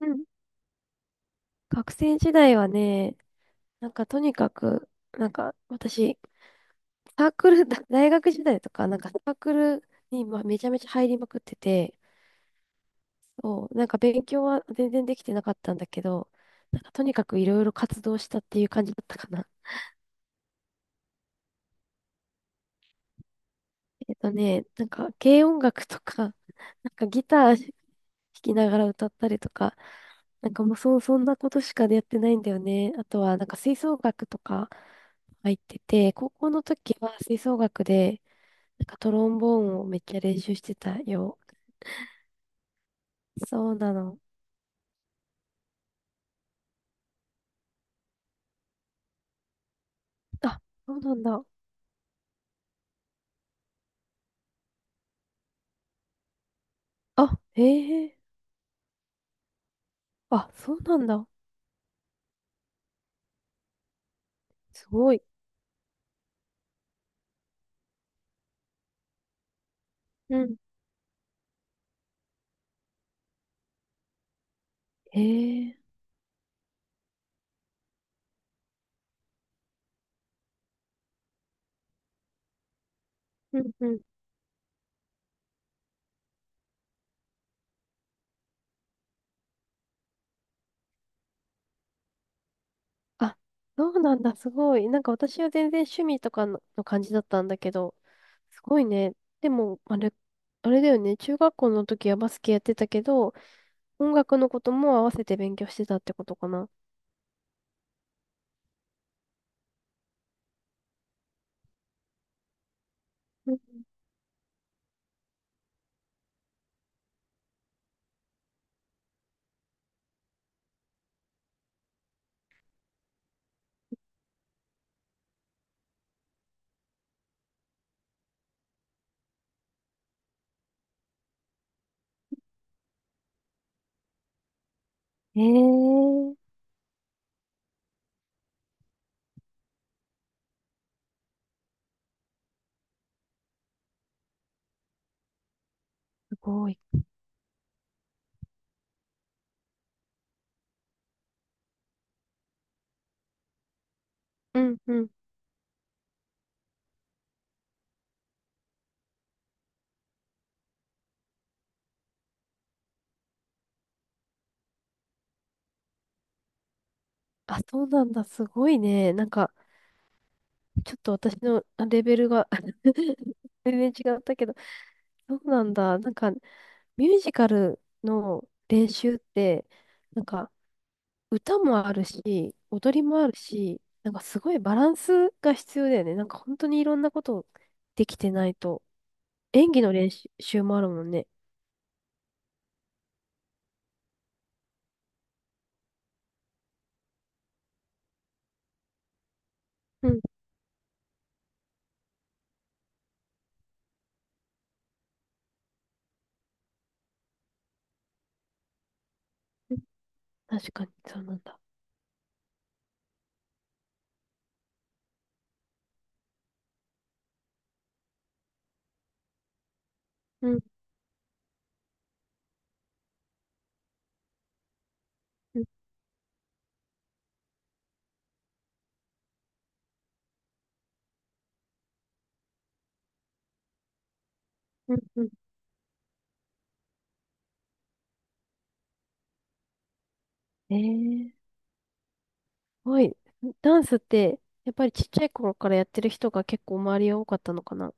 うん。学生時代はね、とにかく、私、サークル、大学時代とか、なんかサークルにめちゃめちゃ入りまくってて、そう、なんか勉強は全然できてなかったんだけど、なんかとにかくいろいろ活動したっていう感じだったかな。なんか軽音楽とか、なんかギター弾きながら歌ったりとか、なんかもうそ、そんなことしかやってないんだよね。あとはなんか吹奏楽とか入ってて、高校の時は吹奏楽で、なんかトロンボーンをめっちゃ練習してたよ。そうなの。あ、そうなんだ。あ、へえ。あ、そうなんだ。すごい。うん。へえ。うんうん。あ、そうなんだ、すごい。なんか私は全然趣味とかの、の感じだったんだけど、すごいね。でも、あれ、あれだよね。中学校の時はバスケやってたけど、音楽のことも合わせて勉強してたってことかな。うん。えー、すごい。うんうん。あ、そうなんだ、すごいね。なんか、ちょっと私のあレベルが 全然違ったけど、そうなんだ。なんか、ミュージカルの練習って、なんか、歌もあるし、踊りもあるし、なんかすごいバランスが必要だよね。なんか本当にいろんなことできてないと。演技の練習もあるもんね。うん、うん。確かにそうなんだ。うん、うん、うん、うん。えー、すごい。ダンスって、やっぱりちっちゃい頃からやってる人が結構周りは多かったのかな。あ、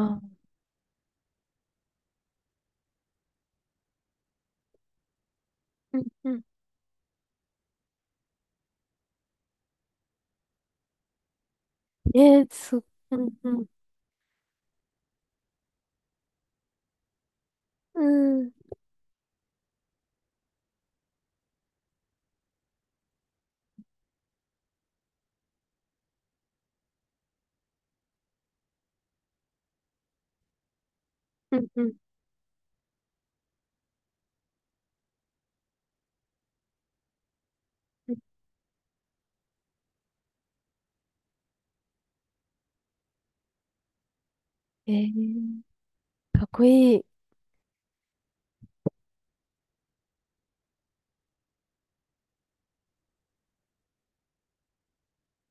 あうん、うん。えー、す、うん、うん、うん、うん、うん。うん。えー、かっこいい。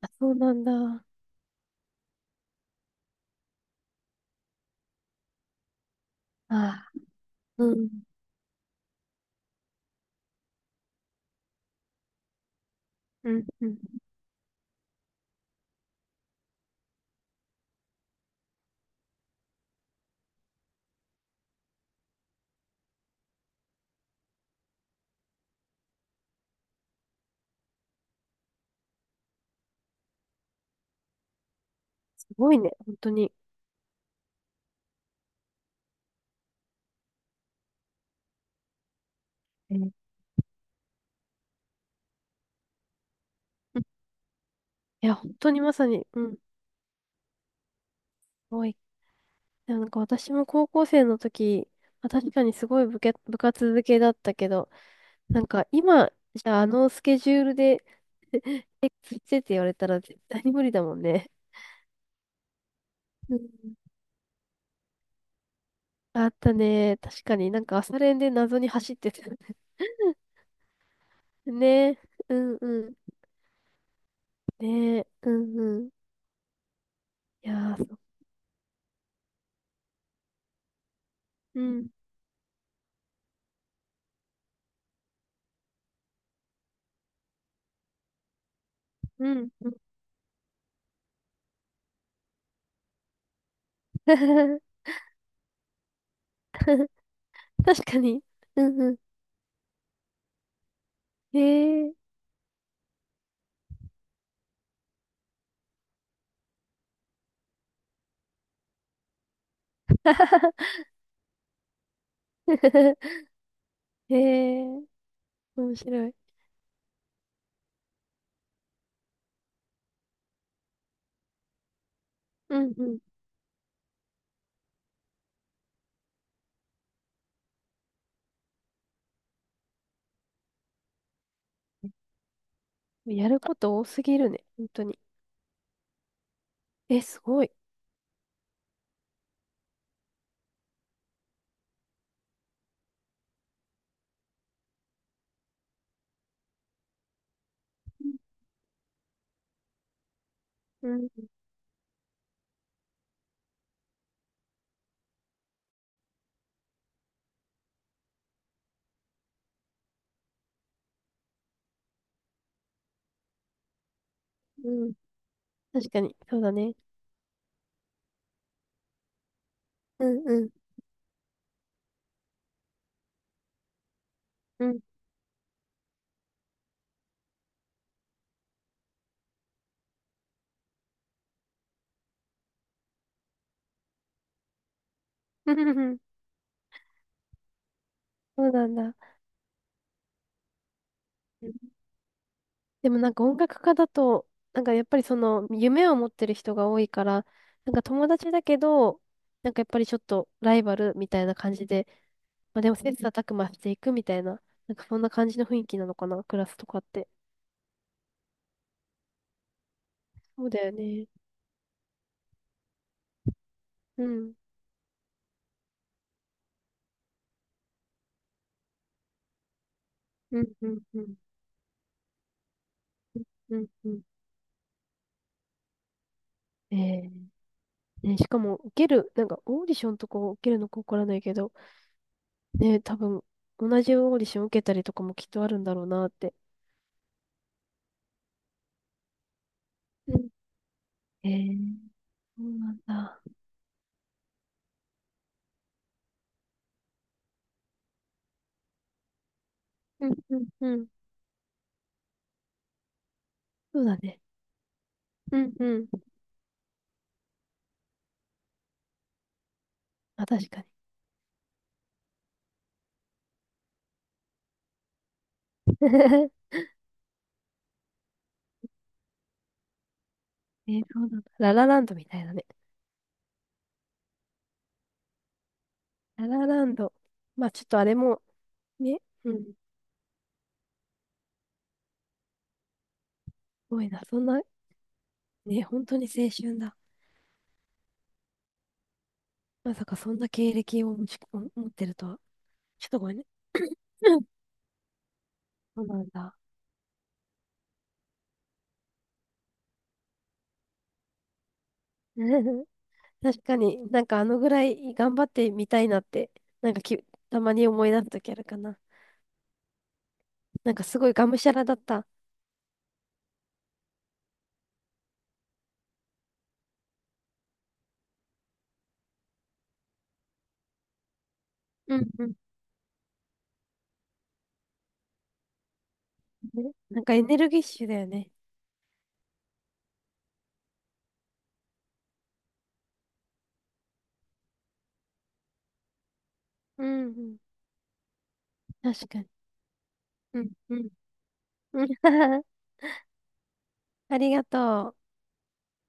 あ、そうなんだ。あ、あうん、うん、うん。すごいね、本当に。うん。いや、本当にまさに、うん、すごい。なんか私も高校生の時、まあ、確かにすごい部け、部活付けだったけど、なんか今、じゃああのスケジュールで、え、ついてって言われたら絶対に無理だもんね。うん。あったね。確かになんか朝練で謎に走ってた。ねえ。うんうん。ねえ。うんうん。いやー、そう。うん。うん。うん。 確かに。うんうん。へえ。へえ、面白い。うんうん。やること多すぎるね、本当に。え、すごい。うんうん。確かに、そうだね。うんうんうん。うん。 うん。そうなんだ。でもなんか音楽家だと、なんかやっぱりその夢を持ってる人が多いから、なんか友達だけど、なんかやっぱりちょっとライバルみたいな感じで、まあでも切磋琢磨していくみたいな、なんかそんな感じの雰囲気なのかな、クラスとかって。そうだよね。うん。うんうんうん。うんうん。ええ。ね、しかも受ける、なんかオーディションとか受けるのかわからないけど、ね、多分同じオーディション受けたりとかもきっとあるんだろうなって。うん。えー、そうなんだ。うんうんうん。そうだね。うんうん。あ、確かに。えー、そうなんだ。ララランドみたいなね。ララランド。まあちょっとあれも、ね、うん。すごいな。そんな、ね、本当に青春だ。まさかそんな経歴を持ち、持ってるとは。ちょっとごめんね。うん。 そうなんだ。確かになんかあのぐらい頑張ってみたいなって、なんかき、たまに思い出すときあるかな。なんかすごいがむしゃらだった。うんうん。ね、なんかエネルギッシュだよね。うんうん。確かに。うんうん。うん。 ありがとう。